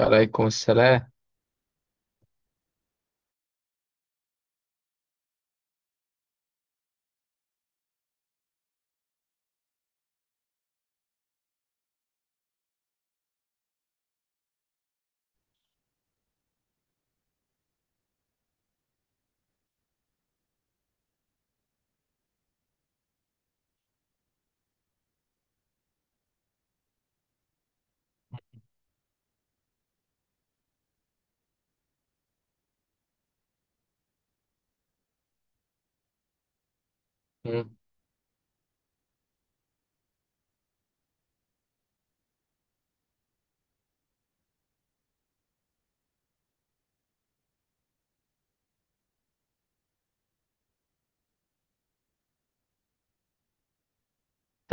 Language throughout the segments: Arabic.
وعليكم السلام. مم.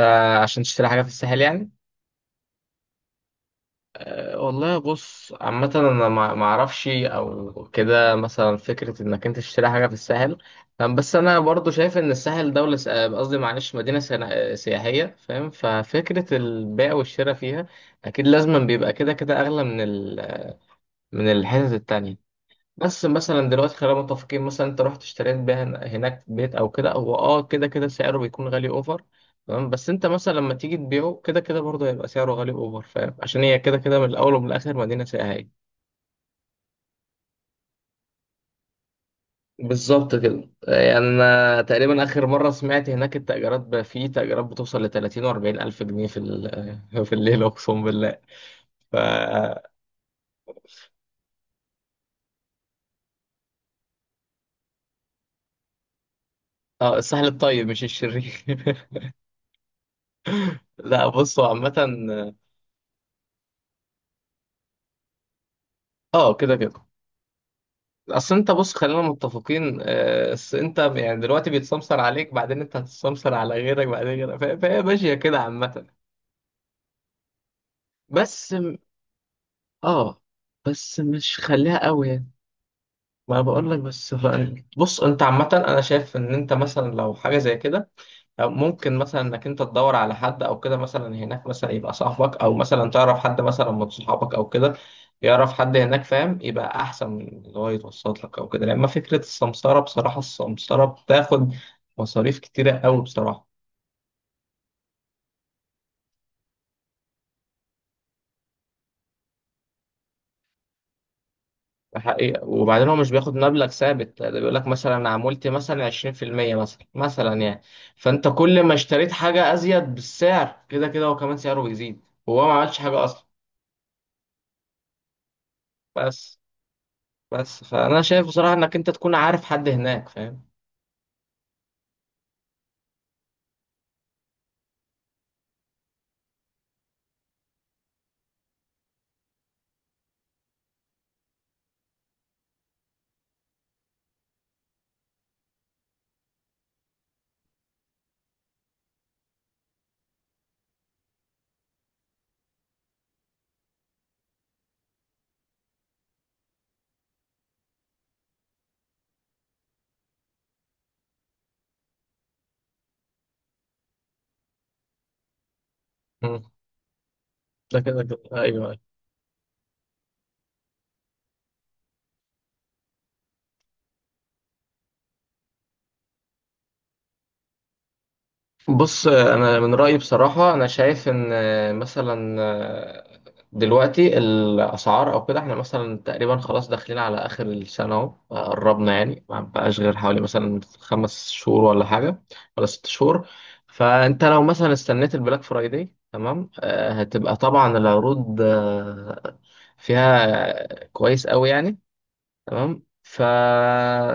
انت عشان تشتري حاجة في الساحل يعني؟ والله بص عامة انا ما اعرفش او كده مثلا فكرة انك انت تشتري حاجة في الساحل. بس انا برضو شايف ان الساحل دولة س- أه، قصدي معلش مدينة سياحية فاهم، ففكرة البيع والشراء فيها اكيد لازم بيبقى كده كده اغلى من الحتت التانية. بس مثلا دلوقتي خلينا متفقين مثلا انت رحت اشتريت بيها هناك بيت او كده، هو كده كده سعره بيكون غالي اوفر. تمام، بس انت مثلا لما تيجي تبيعه كده كده برضه هيبقى سعره غالي اوفر فاهم، عشان هي كده كده من الاول ومن الاخر مدينة سياحية. بالظبط كده، يعني أنا تقريبا آخر مرة سمعت هناك التأجيرات، بقى في تأجيرات بتوصل ل 30 و 40 ألف جنيه في الليلة أقسم بالله. ف اه، السهل الطيب مش الشرير. لا، بصوا عامة، اه كده كده. اصل انت بص خلينا متفقين، اصل انت يعني دلوقتي بيتسمسر عليك، بعدين انت هتتسمسر على غيرك، بعدين غيرك، فهي ماشيه كده عامه. بس م- اه بس مش خليها قوي يعني. ما انا بقول لك بس، بص انت عامه انا شايف ان انت مثلا لو حاجه زي كده، أو ممكن مثلا انك انت تدور على حد او كده مثلا هناك، مثلا يبقى صاحبك او مثلا تعرف حد مثلا من صحابك او كده يعرف حد هناك فاهم، يبقى احسن من اللي هو يتوسط لك او كده، لان فكره السمسره بصراحه، السمسره بتاخد مصاريف كتيره قوي بصراحه. ده حقيقة، وبعدين هو مش بياخد مبلغ ثابت، ده بيقول لك مثلا عمولتي مثلا 20%، مثلا يعني. فانت كل ما اشتريت حاجه ازيد بالسعر كده كده، هو كمان سعره بيزيد، وهو ما عملش حاجه اصلا. بس بس فانا شايف بصراحه انك انت تكون عارف حد هناك فاهم. مم. ده كده كده، ايوه أيوة. بص انا من رايي بصراحه انا شايف ان مثلا دلوقتي الاسعار او كده، احنا مثلا تقريبا خلاص داخلين على اخر السنه اهو، قربنا يعني ما بقاش غير حوالي مثلا 5 شهور ولا حاجه، ولا 6 شهور. فانت لو مثلا استنيت البلاك فرايداي تمام، هتبقى طبعا العروض فيها كويس قوي يعني. تمام.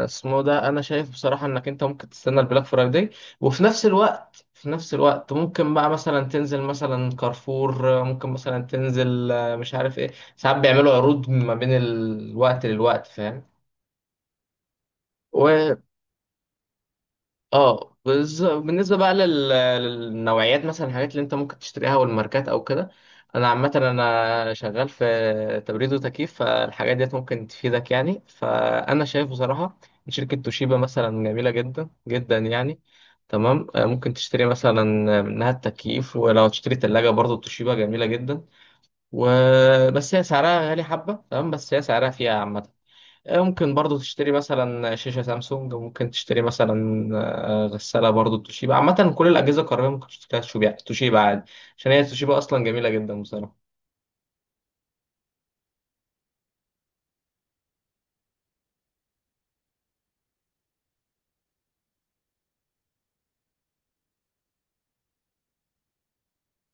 اسمه ده، انا شايف بصراحه انك انت ممكن تستنى البلاك فرايداي، وفي نفس الوقت ممكن بقى مثلا تنزل مثلا كارفور، ممكن مثلا تنزل مش عارف ايه. ساعات بيعملوا عروض ما بين الوقت للوقت فاهم. و بالنسبه بقى للنوعيات، مثلا الحاجات اللي انت ممكن تشتريها والماركات او كده. انا عامه انا شغال في تبريد وتكييف، فالحاجات ديت ممكن تفيدك يعني، فانا شايف بصراحه إن شركه توشيبا مثلا جميله جدا جدا يعني. تمام، ممكن تشتري مثلا منها التكييف، ولو تشتري تلاجة برضو توشيبا جميله جدا. وبس هي سعرها غالي حبه تمام، بس هي سعرها فيها عامه. ممكن برضو تشتري مثلا شاشة سامسونج، ممكن تشتري مثلا غسالة برضو توشيبا. عامة كل الأجهزة الكهربائية ممكن تشتريها توشيبا، توشيبا عادي، عشان هي توشيبا أصلا جميلة جدا بصراحة.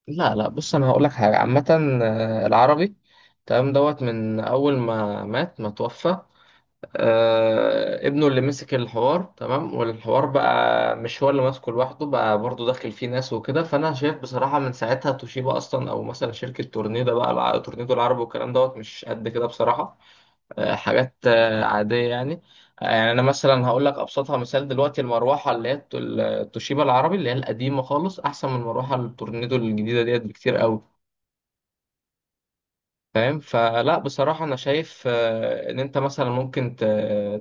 لا لا، بص أنا هقول لك حاجة عامة. العربي تمام دوت، من أول ما مات ما توفى، ابنه اللي مسك الحوار تمام، والحوار بقى مش هو اللي ماسكه لوحده، بقى برضو داخل فيه ناس وكده، فأنا شايف بصراحة من ساعتها توشيبا أصلا، أو مثلا شركة تورنيدو بقى تورنيدو العربي والكلام دوت مش قد كده بصراحة. حاجات عادية يعني. يعني أنا مثلا هقول لك أبسطها مثال، دلوقتي المروحة اللي هي التوشيبا العربي اللي هي القديمة خالص، أحسن من المروحة التورنيدو الجديدة ديت بكتير قوي فاهم. فلا بصراحة أنا شايف إن أنت مثلا ممكن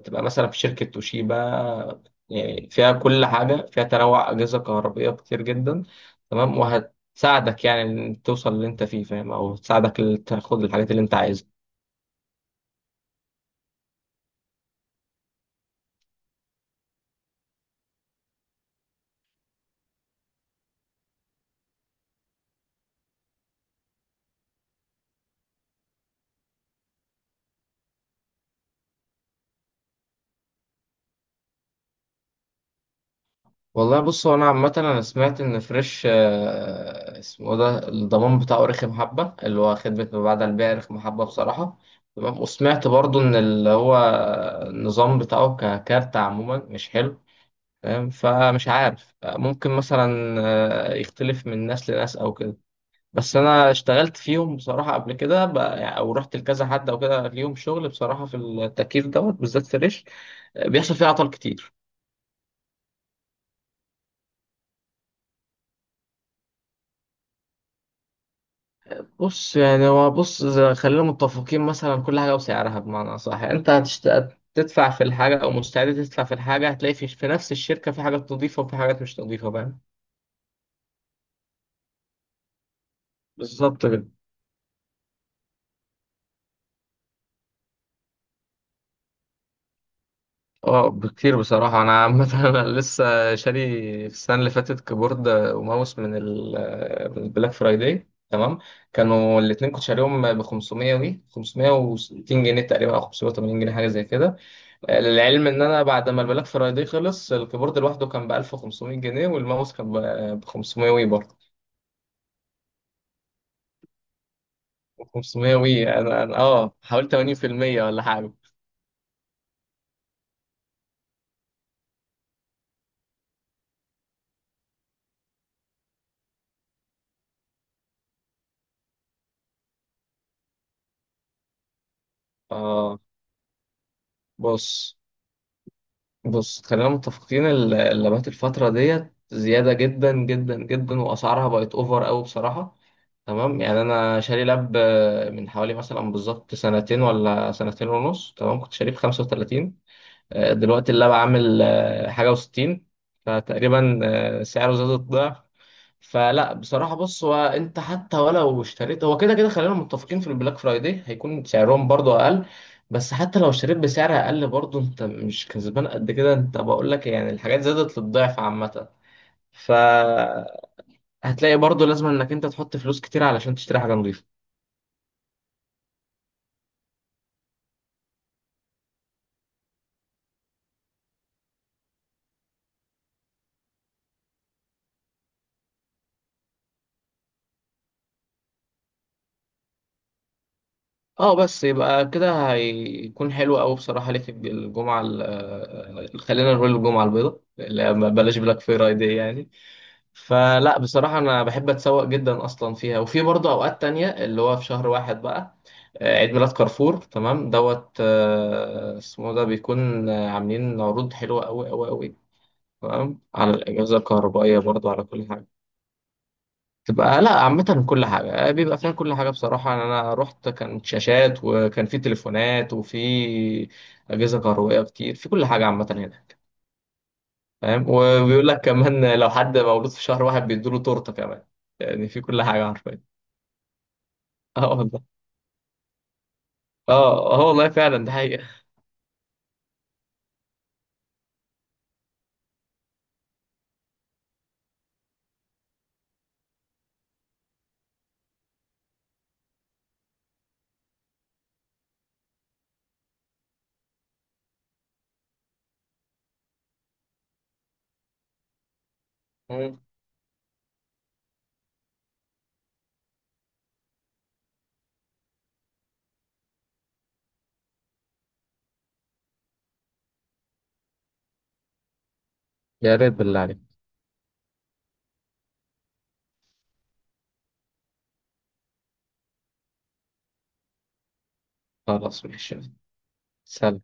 تبقى مثلا في شركة توشيبا، يعني فيها كل حاجة، فيها تنوع أجهزة كهربائية كتير جدا. تمام، وهتساعدك يعني إن توصل اللي أنت فيه فاهم، أو تساعدك تاخد الحاجات اللي أنت عايزها. والله بص، هو انا عامه انا سمعت ان فريش اسمه إيه ده، الضمان بتاعه رخم حبه، اللي هو خدمه ما بعد البيع رخم حبه بصراحه. تمام، وسمعت برضو ان اللي هو النظام بتاعه ككارت عموما مش حلو فاهم. فمش عارف، ممكن مثلا يختلف من ناس لناس او كده. بس انا اشتغلت فيهم بصراحه قبل كده، يعني او رحت لكذا حد او كده ليهم شغل بصراحه، في التكييف دوت بالذات فريش بيحصل فيه اعطال كتير. بص يعني هو بص خلينا متفقين مثلا كل حاجة وسعرها بمعنى صح، يعني انت تدفع في الحاجة او مستعد تدفع في الحاجة، هتلاقي في نفس الشركة في حاجات نظيفة وفي حاجات مش نظيفة فاهم. بالظبط كده. اه بكتير بصراحة. أنا عامة أنا لسه شاري في السنة اللي فاتت كيبورد وماوس من البلاك فرايداي تمام. كانوا الاتنين كنت شاريهم ب 500 وي 560 جنيه تقريبا، أو 580 جنيه حاجة زي كده. للعلم ان انا بعد ما البلاك فرايداي خلص، الكيبورد لوحده كان ب 1500 جنيه، والماوس كان ب 500 وي برضه 500 وي. انا أنا- اه حوالي 80% ولا حاجه. اه بص بص خلينا متفقين، اللابات الفتره ديت زياده جدا جدا جدا، واسعارها بقت اوفر قوي بصراحه. تمام، يعني انا شاري لاب من حوالي مثلا بالظبط سنتين ولا سنتين ونص تمام، كنت شاريه ب 35. دلوقتي اللاب عامل حاجة وستين، فتقريبا سعره زاد الضعف. فلا بصراحة بص، هو انت حتى ولو اشتريت هو كده كده خلينا متفقين في البلاك فرايداي هيكون سعرهم برضو اقل. بس حتى لو اشتريت بسعر اقل، برضو انت مش كسبان قد كده، انت بقول لك يعني الحاجات زادت للضعف عامة. فهتلاقي برضو لازم انك انت تحط فلوس كتير علشان تشتري حاجة نظيفة. اه بس يبقى كده هيكون حلو قوي بصراحة ليك الجمعة خلينا نقول الجمعة البيضاء، لا بلاش بلاك فرايداي يعني. فلا بصراحة أنا بحب أتسوق جدا أصلا فيها، وفي برضه أوقات تانية اللي هو في شهر واحد بقى عيد ميلاد كارفور تمام دوت، اسمه ده بيكون عاملين عروض حلوة قوي قوي قوي. تمام، على الأجهزة الكهربائية برضه، على كل حاجة. تبقى لا، عامة كل حاجة بيبقى فيها، كل حاجة بصراحة، يعني أنا رحت كانت شاشات وكان في تليفونات وفي أجهزة كهربائية كتير، في كل حاجة عامة هنا فاهم. وبيقول لك كمان لو حد مولود في شهر واحد بيدوله تورتة كمان، يعني في كل حاجة حرفيا. اه والله. اه اه والله فعلا ده حقيقة. مم. يا ريت بالله عليك. خلاص ماشي. سلام.